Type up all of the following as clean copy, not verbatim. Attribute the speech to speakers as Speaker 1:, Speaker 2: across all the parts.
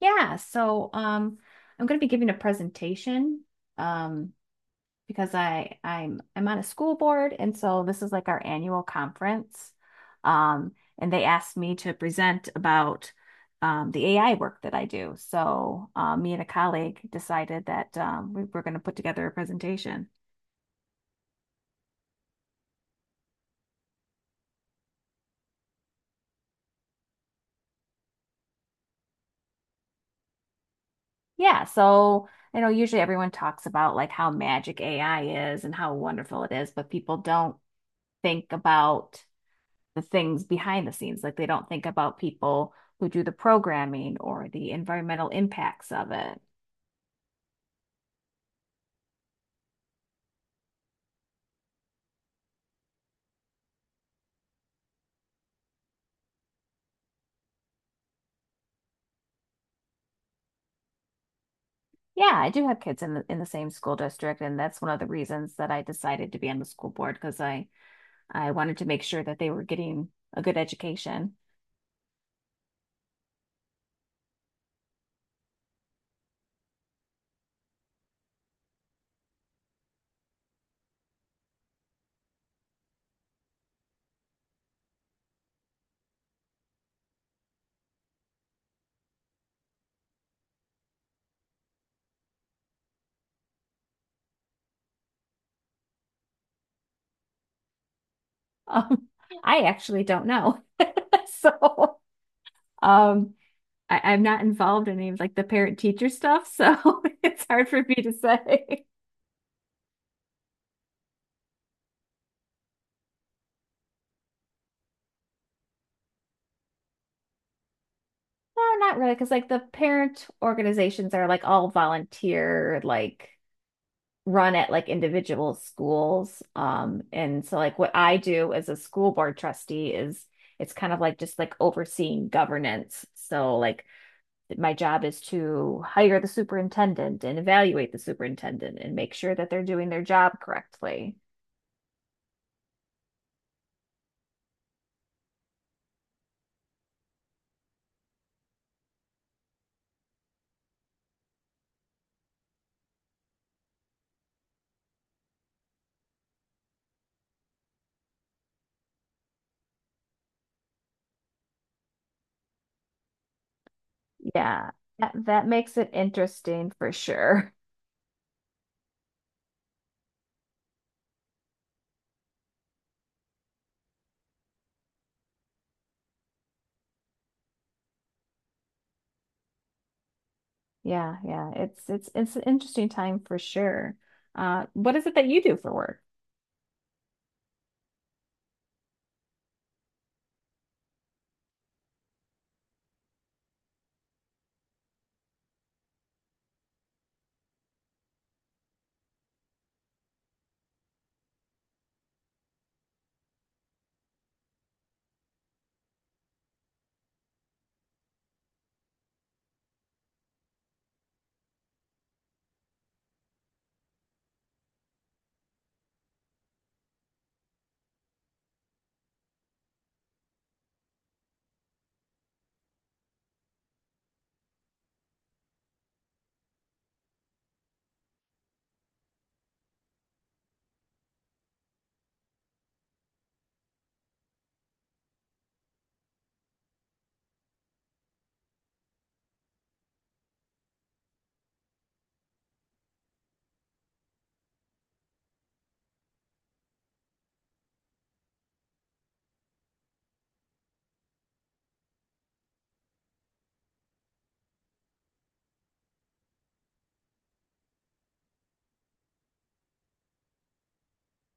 Speaker 1: Yeah, I'm going to be giving a presentation um, because I'm on a school board, and so this is like our annual conference. um, and they asked me to present about the AI work that I do. So me and a colleague decided that we were going to put together a presentation. Yeah, so I know usually everyone talks about like how magic AI is and how wonderful it is, but people don't think about the things behind the scenes. Like they don't think about people who do the programming or the environmental impacts of it. Yeah, I do have kids in the same school district, and that's one of the reasons that I decided to be on the school board because I wanted to make sure that they were getting a good education. Um, I actually don't know. so um, I'm not involved in any of like the parent teacher stuff, so it's hard for me to say. No, not really, because like the parent organizations are like all volunteer, like run at like individual schools. And so like what I do as a school board trustee is it's kind of like just like overseeing governance. So like my job is to hire the superintendent and evaluate the superintendent and make sure that they're doing their job correctly. Yeah, that makes it interesting for sure. Yeah, yeah. It's an interesting time for sure. What is it that you do for work?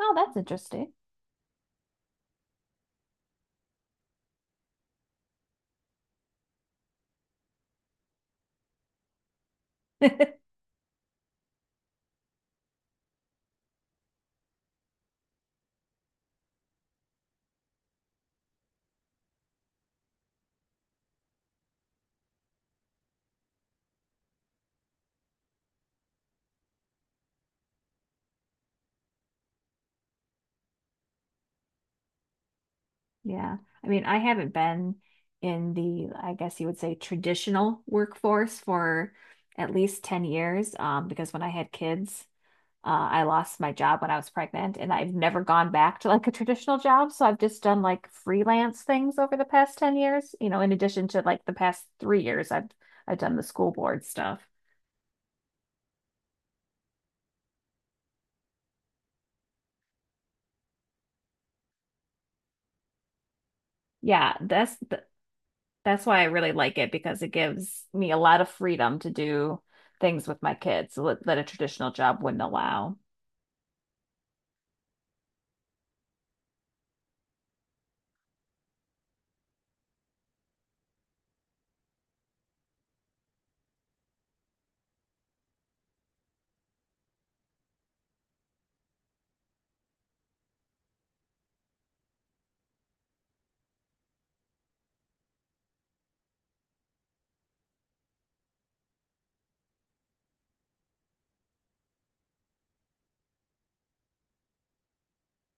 Speaker 1: Oh, that's interesting. Yeah, I mean, I haven't been in the, I guess you would say, traditional workforce for at least 10 years, because when I had kids, I lost my job when I was pregnant, and I've never gone back to like a traditional job. So I've just done like freelance things over the past 10 years, you know, in addition to like the past 3 years, I've done the school board stuff. Yeah. That's why I really like it because it gives me a lot of freedom to do things with my kids that a traditional job wouldn't allow.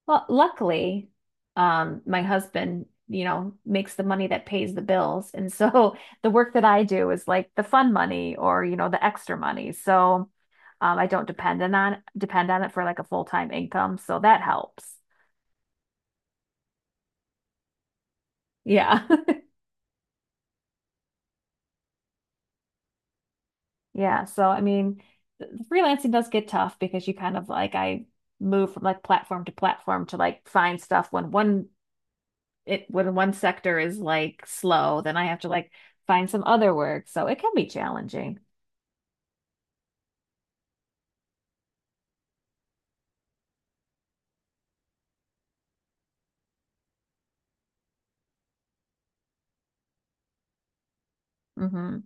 Speaker 1: Well, luckily, my husband, you know, makes the money that pays the bills. And so the work that I do is like the fun money or, you know, the extra money. So I don't depend on it for like a full-time income. So that helps. Yeah. Yeah, so I mean, freelancing does get tough because you kind of like I move from like platform to platform to like find stuff when one it when one sector is like slow, then I have to like find some other work. So it can be challenging. hmm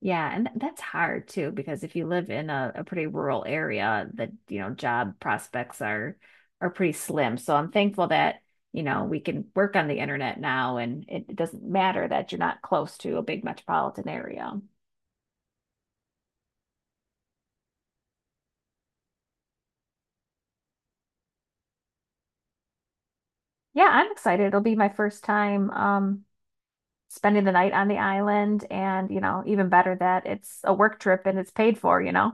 Speaker 1: Yeah, and that's hard too because if you live in a pretty rural area, the you know job prospects are pretty slim. So I'm thankful that you know we can work on the internet now, and it doesn't matter that you're not close to a big metropolitan area. Yeah, I'm excited. It'll be my first time spending the night on the island and, you know, even better that it's a work trip and it's paid for, you know.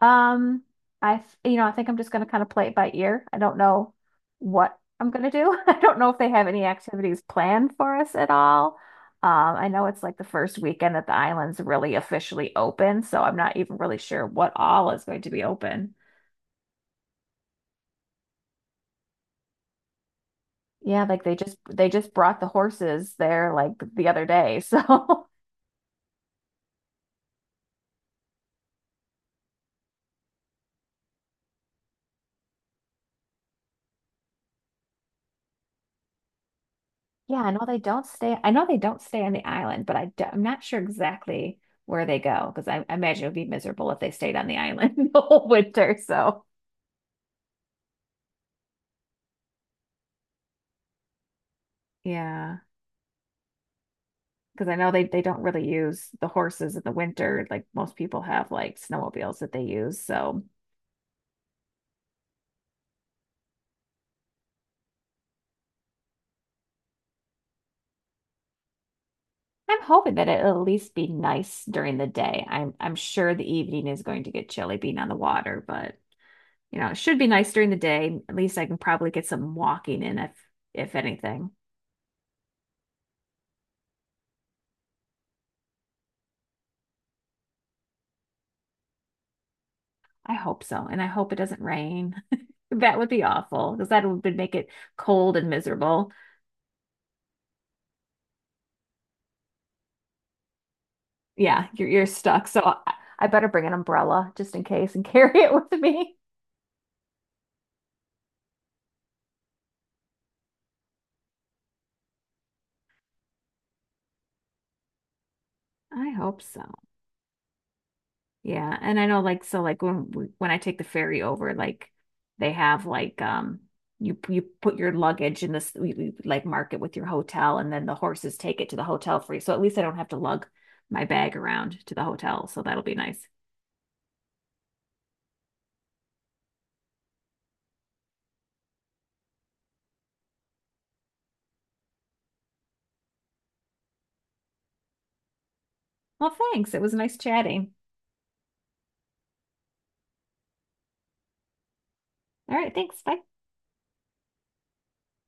Speaker 1: Um you know, I think I'm just going to kind of play it by ear. I don't know what I'm going to do. I don't know if they have any activities planned for us at all. Um I know it's like the first weekend that the island's really officially open, so I'm not even really sure what all is going to be open. Yeah, like they just brought the horses there like the other day, so Yeah, I know they don't stay. I know they don't stay on the island, but I'm not sure exactly where they go because I imagine it would be miserable if they stayed on the island the whole winter. So yeah, because I know they don't really use the horses in the winter. Like most people have like snowmobiles that they use. So I'm hoping that it'll at least be nice during the day. I'm sure the evening is going to get chilly being on the water, but you know, it should be nice during the day. At least I can probably get some walking in if anything. I hope so. And I hope it doesn't rain. That would be awful because that would make it cold and miserable. Yeah, you're stuck. So I better bring an umbrella just in case and carry it with me. I hope so. Yeah, and I know like when I take the ferry over, like they have like you put your luggage in this like mark it with your hotel and then the horses take it to the hotel for you. So at least I don't have to lug my bag around to the hotel. So that'll be nice. Well, thanks. It was nice chatting. All right, thanks. Bye.